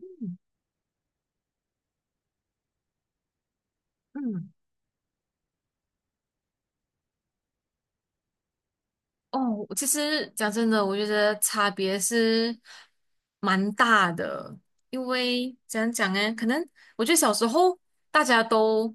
嗯嗯，哦，其实讲真的，我觉得差别是蛮大的。因为怎样讲呢？可能我觉得小时候大家都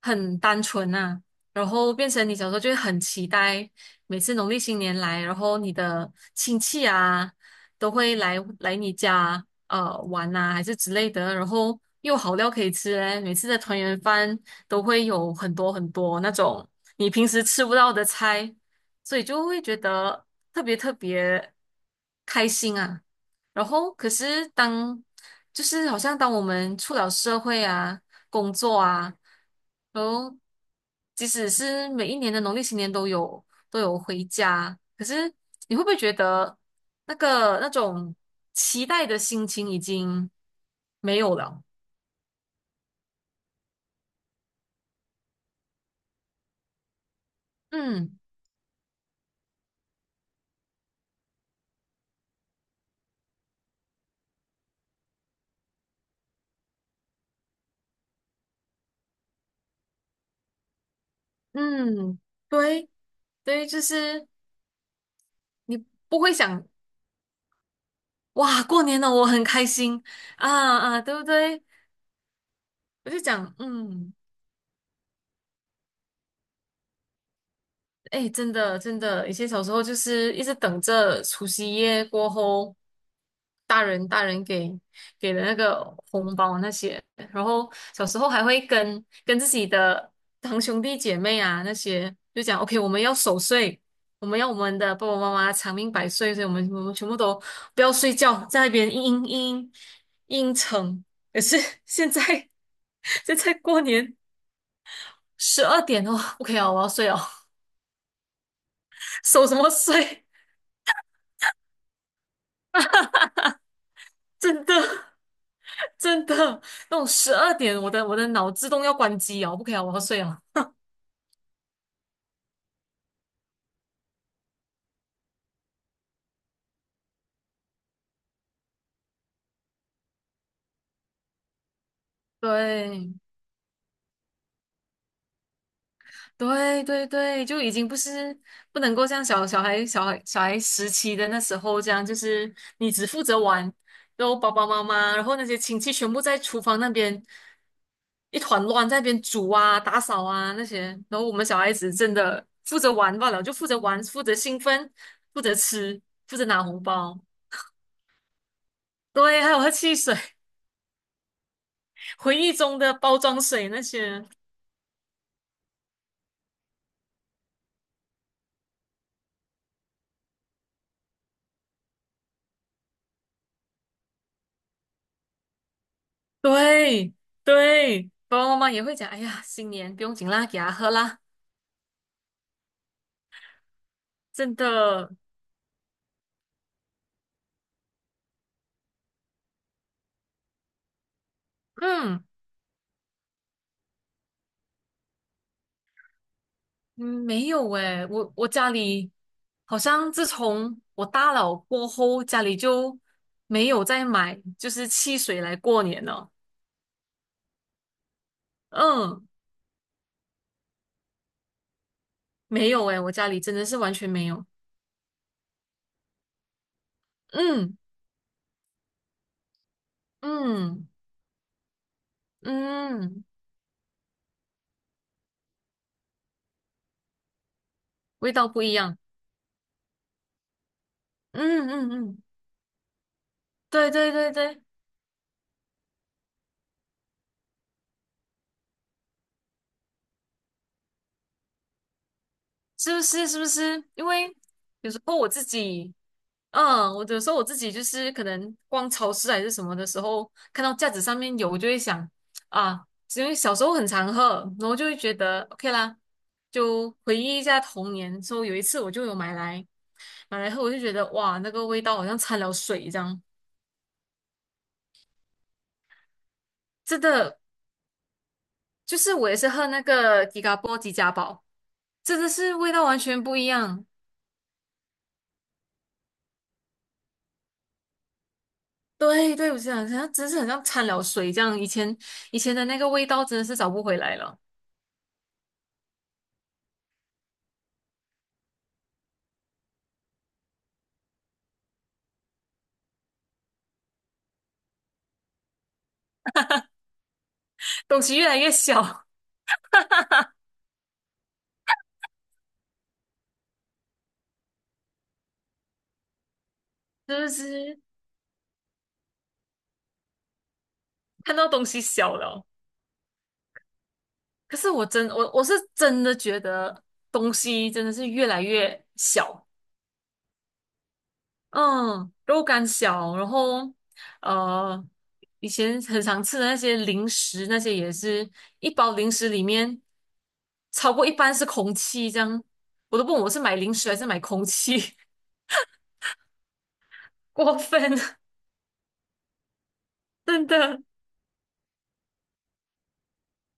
很单纯呐、然后变成你小时候就会很期待每次农历新年来，然后你的亲戚啊都会来你家玩呐、还是之类的，然后又有好料可以吃嘞，每次的团圆饭都会有很多很多那种你平时吃不到的菜。所以就会觉得特别特别开心啊。然后，可是就是好像当我们出了社会啊，工作啊，然后即使是每一年的农历新年都有回家，可是你会不会觉得那种期待的心情已经没有了？嗯嗯，对对，就是你不会想哇，过年了，我很开心啊啊，对不对？我就讲，嗯，哎，真的真的，以前小时候就是一直等着除夕夜过后，大人给的那个红包那些，然后小时候还会跟自己的堂兄弟姐妹啊那些，就讲 OK，我们要守岁，我们要我们的爸爸妈妈长命百岁，所以我们全部都不要睡觉，在那边嘤嘤嘤嘤成。可是现在 现在过年12点哦，o k 以啊，我要睡哦，守什么睡？真的 真的，那种十二点，我的脑自动要关机哦，不可以啊，我要睡了。对对对对，就已经不是不能够像小孩时期的那时候这样，就是你只负责玩，然后爸爸妈妈，然后那些亲戚全部在厨房那边一团乱，在那边煮啊、打扫啊那些，然后我们小孩子真的负责玩罢了，就负责玩，负责兴奋，负责吃，负责拿红包，对，还有喝汽水。回忆中的包装水那些。对对，爸爸妈妈也会讲，哎呀，新年不用紧啦，给他喝啦。真的。嗯嗯，没有诶，我家里好像自从我大了过后，家里就没有再买就是汽水来过年了。嗯，没有诶，我家里真的是完全没有。嗯嗯嗯。味道不一样。嗯嗯嗯。对对对对。是不是？是不是？因为有时候我有时候我自己就是可能逛超市还是什么的时候，看到架子上面有，我就会想啊。因为小时候很常喝，然后就会觉得 OK 啦，就回忆一下童年。说有一次我就有买来喝，我就觉得哇，那个味道好像掺了水这样。真的，就是我也是喝那个吉嘎波吉家宝，真的是味道完全不一样。对对，我想好像真是很像掺了水这样。以前的那个味道真的是找不回来了。东西越来越小，是不是？看到东西小了，可是我是真的觉得东西真的是越来越小。嗯，肉干小，然后呃，以前很常吃的那些零食，那些也是一包零食里面超过一半是空气，这样我都不懂我是买零食还是买空气。过分。真的。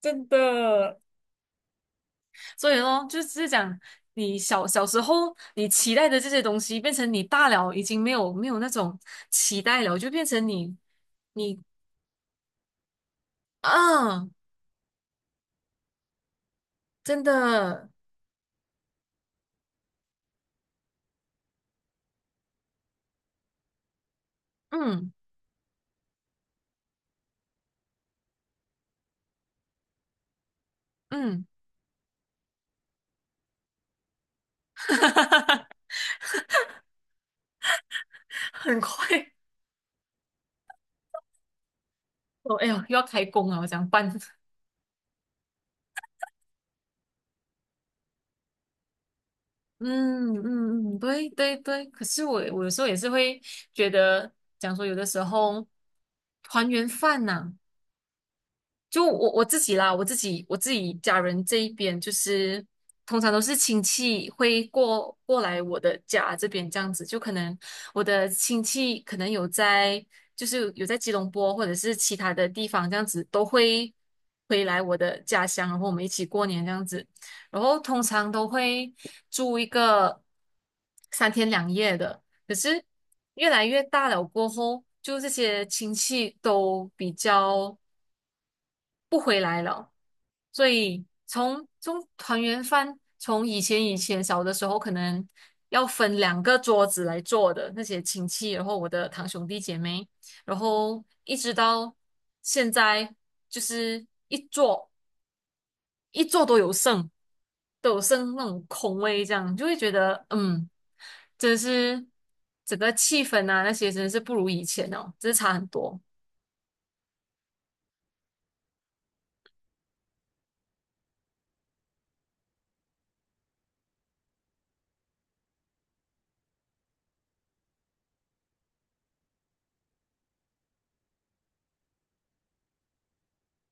真的，所以咯，就是讲你小时候你期待的这些东西，变成你大了已经没有那种期待了，就变成你啊。真的。嗯嗯。很快哦，哎呦，又要开工了，我讲办。嗯嗯嗯。对对对。可是我有时候也是会觉得，讲说有的时候团圆饭呐、就我自己啦，我自己家人这一边，就是通常都是亲戚会过来我的家这边这样子，就可能我的亲戚可能就是有在吉隆坡或者是其他的地方这样子，都会回来我的家乡，然后我们一起过年这样子，然后通常都会住一个三天两夜的。可是越来越大了过后，就这些亲戚都比较。所以从团圆饭，从以前小的时候，可能要分两个桌子来坐的那些亲戚，然后我的堂兄弟姐妹，然后一直到现在，就是一桌一桌都有剩，那种空位，这样就会觉得，嗯，真是整个气氛啊那些真的是不如以前哦，真是差很多。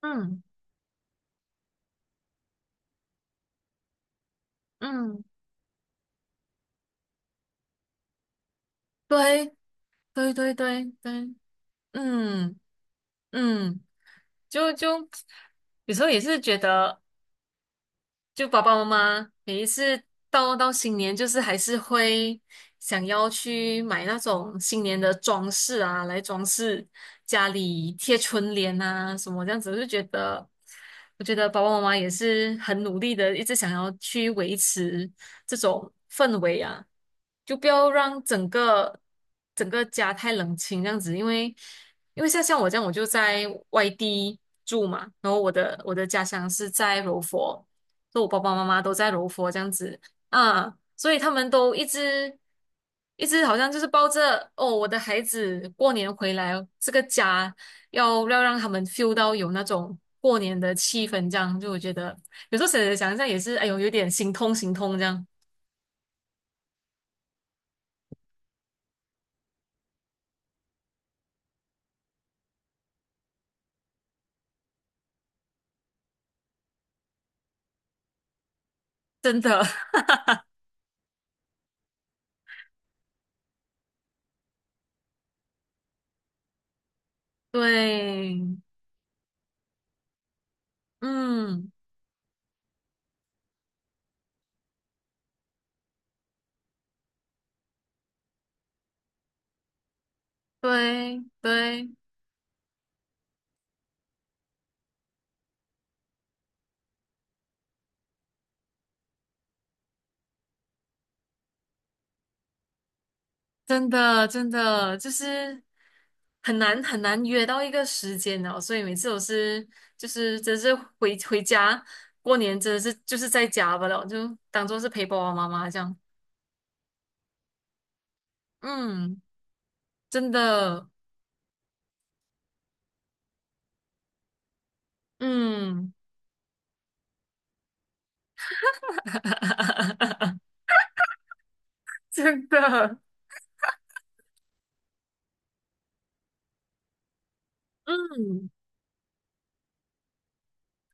嗯嗯。对对对对对。嗯嗯。就有时候也是觉得，就爸爸妈妈每一次到新年，就是还是会想要去买那种新年的装饰啊，来装饰家里贴春联啊什么这样子。我就觉得，我觉得爸爸妈妈也是很努力的，一直想要去维持这种氛围啊，就不要让整个家太冷清这样子。因为像我这样，我就在外地住嘛，然后我的家乡是在柔佛。就我爸爸妈妈都在柔佛这样子啊，所以他们都一直好像就是抱着哦，我的孩子过年回来这个家要让他们 feel 到有那种过年的气氛，这样就我觉得有时候想想一下也是，哎呦，有点心痛心痛这样。真的。对。嗯。对对。真的真的就是很难很难约到一个时间哦，所以每次我是就是真是回家过年真的是就是在家吧了，就当做是陪爸爸妈妈这样。嗯。真的。嗯。真的。嗯，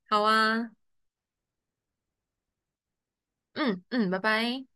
好啊。嗯嗯，拜拜。